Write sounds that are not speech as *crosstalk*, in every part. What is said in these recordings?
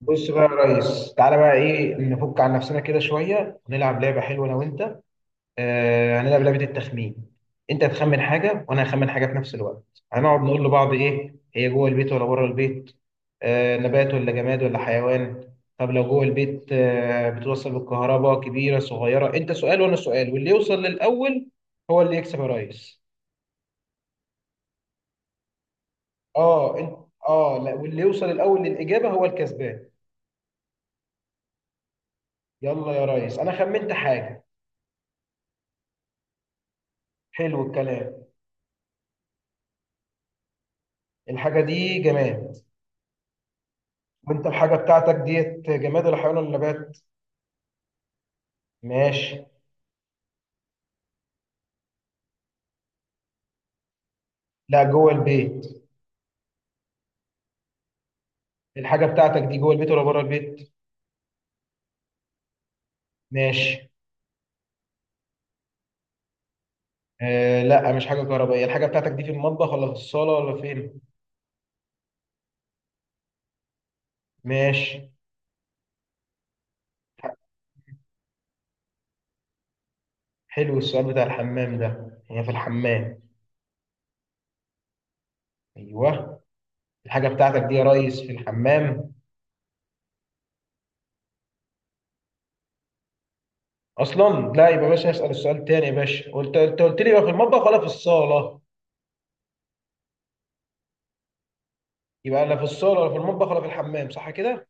بص بقى يا ريس، تعالى بقى. ايه، نفك عن نفسنا كده شويه ونلعب لعبه حلوه انا وانت. هنلعب لعبه التخمين. انت تخمن حاجه وانا هخمن حاجه في نفس الوقت. هنقعد نقول لبعض ايه هي، جوه البيت ولا بره البيت، نبات ولا جماد ولا حيوان. طب لو جوه البيت بتوصل بالكهرباء، كبيره صغيره. انت سؤال وانا سؤال، واللي يوصل للاول هو اللي يكسب يا ريس. اه، انت. اه، لا، واللي يوصل الاول للاجابه هو الكسبان. يلا يا ريس، انا خمنت حاجه. حلو الكلام. الحاجة دي جماد. وانت الحاجة بتاعتك ديت جماد ولا حيوان ولا نبات؟ ماشي. لا، جوه البيت. الحاجة بتاعتك دي جوه البيت ولا بره البيت؟ ماشي. آه، لا، مش حاجة كهربائية. الحاجة بتاعتك دي في المطبخ ولا في الصالة ولا فين؟ ماشي. حلو السؤال بتاع الحمام ده. هي في الحمام. ايوه. الحاجة بتاعتك دي يا ريس في الحمام. اصلا لا، يبقى باشا اسأل السؤال تاني يا باشا. انت قلت لي يبقى في المطبخ ولا في الصالة. يبقى لا في الصالة ولا في المطبخ ولا في الحمام، صح كده؟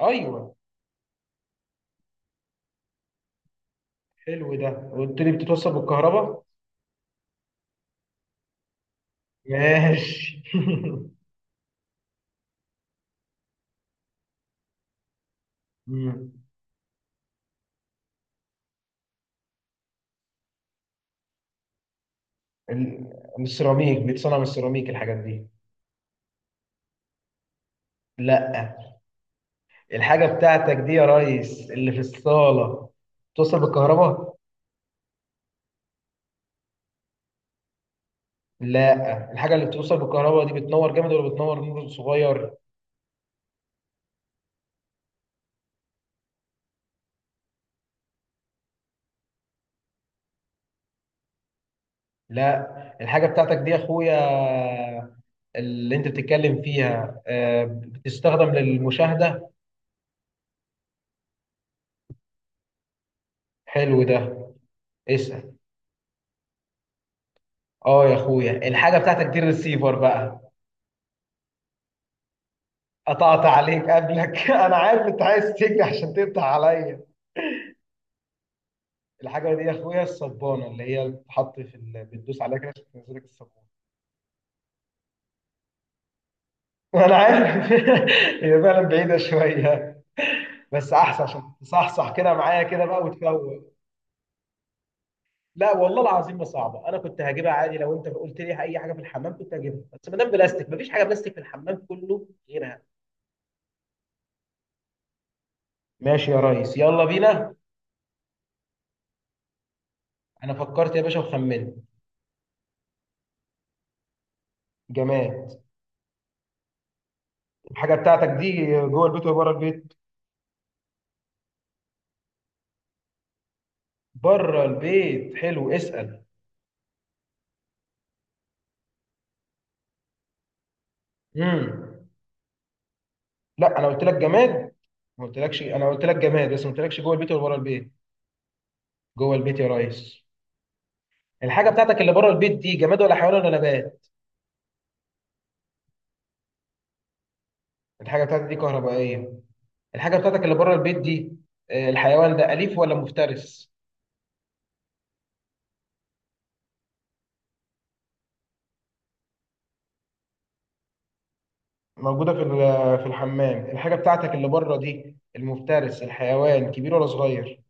ايوه. حلو ده. قلت لي بتتوصل بالكهرباء. ماشي. *laughs* مم. ال- من السيراميك، بيتصنع من السيراميك الحاجات دي. لا. الحاجة بتاعتك دي يا ريس اللي في الصالة بتوصل بالكهرباء. لا. الحاجة اللي بتوصل بالكهرباء دي بتنور جامد ولا بتنور نور صغير؟ لا. الحاجة بتاعتك دي يا اخويا، اللي انت بتتكلم فيها بتستخدم للمشاهدة. حلو ده. اسأل. اه يا اخويا، الحاجة بتاعتك دي الريسيفر بقى. قطعت عليك قبلك. *laughs* انا عارف انت عايز تجري عشان تقطع عليا. الحاجه دي يا اخويا الصبانه اللي هي بتتحط بتدوس عليها كده عشان تنزلك الصابون. *laughs* انا عارف. *laughs* هي فعلا بعيده شويه، بس احسن عشان تصحصح كده معايا كده بقى وتفوق. لا والله العظيم ما صعبه، انا كنت هجيبها عادي. لو انت قلت لي اي حاجه في الحمام كنت هجيبها، بس ما دام بلاستيك، مفيش حاجه بلاستيك في الحمام كله غيرها. ماشي يا ريس، يلا بينا. انا فكرت يا باشا وخمنت. جماد. الحاجه بتاعتك دي جوه البيت ولا بره البيت؟ بره البيت. حلو. اسال. امم. لا، انا قلت لك جماد. ما قلتلكش. انا قلت لك جماد بس ما قلتلكش جوه البيت ولا بره البيت. جوه البيت يا ريس. الحاجه بتاعتك اللي بره البيت دي جماد ولا حيوان ولا نبات؟ الحاجه بتاعتك دي كهربائيه. الحاجه بتاعتك اللي بره البيت دي، الحيوان ده اليف ولا مفترس؟ موجوده في في الحمام. الحاجه بتاعتك اللي بره دي المفترس، الحيوان كبير ولا صغير؟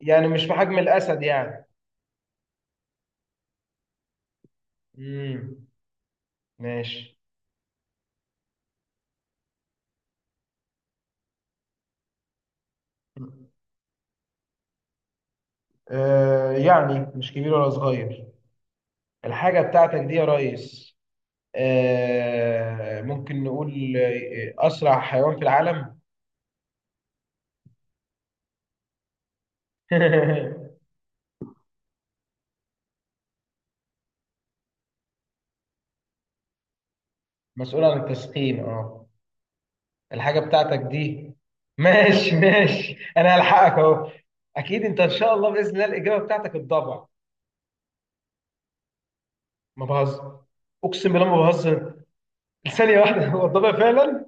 يعني مش في حجم الاسد يعني. امم. ماشي. يعني مش كبير ولا صغير. الحاجة بتاعتك دي يا ريس ممكن نقول أسرع حيوان في العالم. *laughs* مسؤول عن التسخين، اه. الحاجة بتاعتك دي. ماشي، ماشي، أنا هلحقك أهو. أكيد أنت إن شاء الله بإذن الله الإجابة بتاعتك الضبع. ما بهزر، أقسم بالله ما بهزر. ثانية واحدة، هو الضبع فعلا؟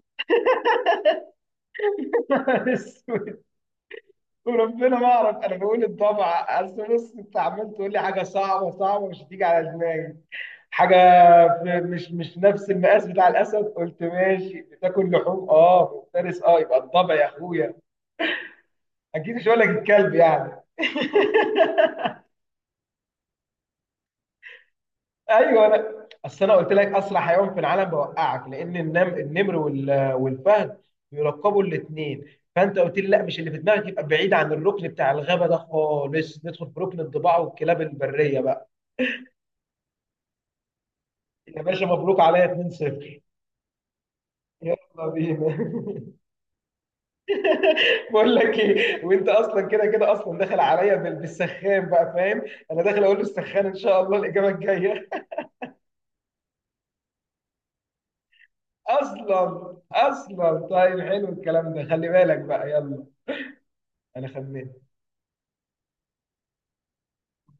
*laughs* وربنا ما أعرف. أنا بقول الضبع. أصل بص، أنت عمال تقول لي حاجة صعبة، صعبة مش هتيجي على دماغي. حاجه في مش نفس المقاس بتاع الاسد. قلت ماشي، بتاكل لحوم، اه، مفترس، اه، يبقى الضبع يا اخويا. اكيد مش هقول لك الكلب يعني. ايوه، اصل انا قلت لك اسرع حيوان في العالم بوقعك، لان النمر والفهد بيلقبوا الاثنين. فانت قلت لي لا، مش اللي في دماغك، يبقى بعيد عن الركن بتاع الغابه ده خالص، ندخل في ركن الضباع والكلاب البريه بقى. يا باشا مبروك عليا 2-0. يلا بينا. *laughs* بقول لك ايه، وانت اصلا كده كده اصلا داخل عليا بالسخان بقى، فاهم. انا داخل اقول له السخان ان شاء الله الاجابه الجايه. *laughs* اصلا طيب، حلو الكلام ده. خلي بالك بقى، يلا. انا خمنت.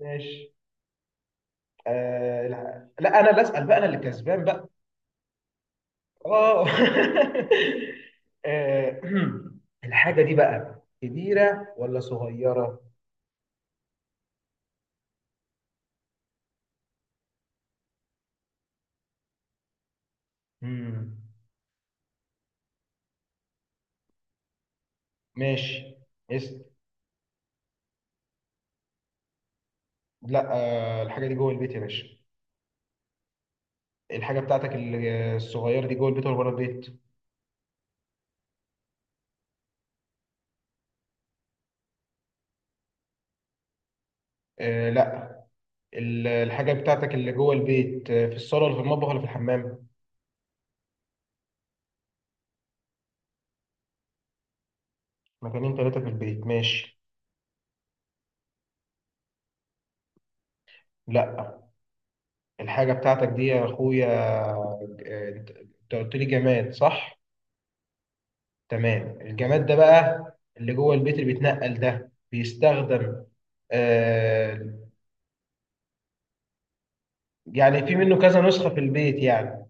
ماشي. آه، لا. لا، انا اللي اسال بقى، انا اللي كسبان بقى. اه. *laughs* آه، *clears throat* الحاجه دي بقى كبيره ولا صغيره؟ مم. ماشي. اسم. لا، الحاجه دي جوه البيت يا باشا. الحاجه بتاعتك الصغيره دي جوه البيت ولا بره البيت؟ آه، لا. الحاجه بتاعتك اللي جوه البيت في الصاله ولا في المطبخ ولا في الحمام؟ مكانين ثلاثه في البيت، ماشي. لا. الحاجه بتاعتك دي يا اخويا، أنت قلت لي جماد، صح؟ تمام. الجماد ده بقى اللي جوه البيت اللي بيتنقل ده بيستخدم آه يعني في منه كذا نسخه في البيت يعني؟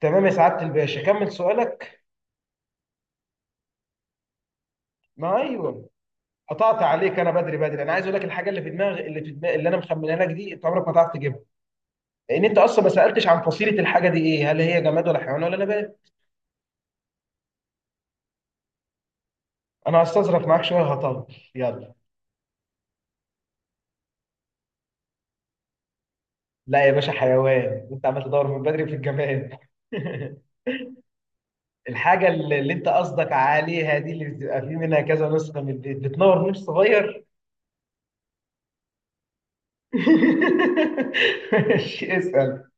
تمام يا سعاده الباشا، كمل سؤالك. ما ايوه. قطعت عليك. انا بدري بدري. انا عايز اقول لك الحاجه اللي في دماغي اللي انا مخمنها لك دي، انت عمرك ما تعرف تجيبها. لان انت اصلا ما سالتش عن فصيله الحاجه دي ايه، هل هي جماد ولا حيوان ولا نبات. انا هستظرف معاك شويه هطول. يلا. لا يا باشا، حيوان. انت عمال تدور من بدري في الجماد. *laughs* الحاجه اللي انت قصدك عليها دي، اللي بتبقى في منها كذا نسخه من البيت بتنور نور صغير. *laughs* ماشي. اسال.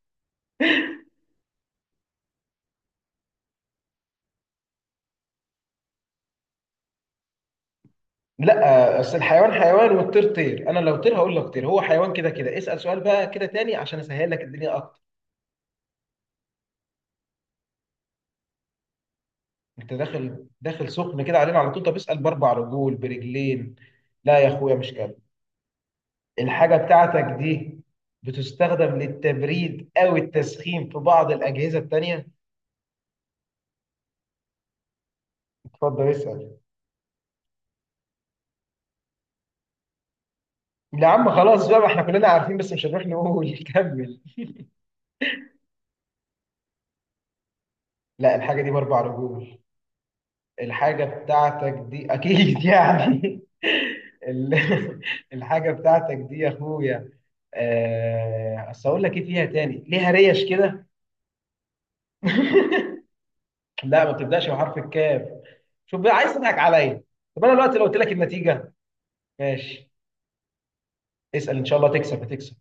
لا، اصل الحيوان حيوان والطير طير. انا لو طير هقول لك طير. هو حيوان كده كده. اسال سؤال بقى كده تاني عشان اسهل لك الدنيا اكتر. انت داخل داخل سخن كده علينا على طول. طب اسال باربع رجول برجلين. لا يا اخويا، مش كده. الحاجه بتاعتك دي بتستخدم للتبريد او التسخين في بعض الاجهزه التانيه. اتفضل اسال. لا يا عم، خلاص بقى. ما احنا كلنا عارفين، بس مش هنروح نقول. *laughs* كمل. لا، الحاجه دي باربع رجول. الحاجة بتاعتك دي أكيد يعني. *laughs* ال- الحاجة بتاعتك دي يا أخويا، أصل أقول لك إيه فيها تاني، ليها ريش كده. لا، ما بتبدأش بحرف الكاف. شوف بقى عايز تضحك عليا. طب أنا دلوقتي لو قلت لك النتيجة. ماشي. اسأل إن شاء الله تكسب، هتكسب.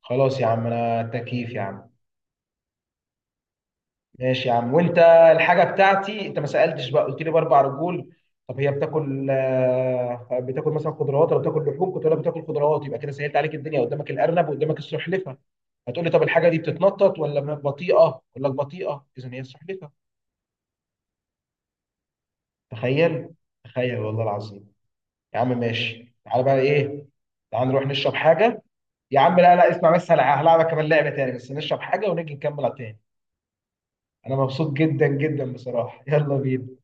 خلاص يا عم، أنا تكييف يا عم. ماشي يا عم. وانت الحاجه بتاعتي انت ما سالتش بقى، قلت لي باربع رجول. طب هي بتاكل مثلا خضروات ولا بتاكل لحوم، كنت اقول لك بتاكل خضروات يبقى كده سهلت عليك الدنيا، قدامك الارنب وقدامك السلحفه. هتقول لي طب الحاجه دي بتتنطط ولا بطيئه، اقول لك بطيئه، اذا هي السلحفه. تخيل، تخيل والله العظيم. يا عم ماشي، تعالى بقى ايه. تعالى نروح نشرب حاجه يا عم. لا، لا، اسمع بس. هلعبك كمان لعبه تاني، بس نشرب حاجه ونيجي نكمل على تاني. انا مبسوط جدا جدا بصراحه، يلا بينا.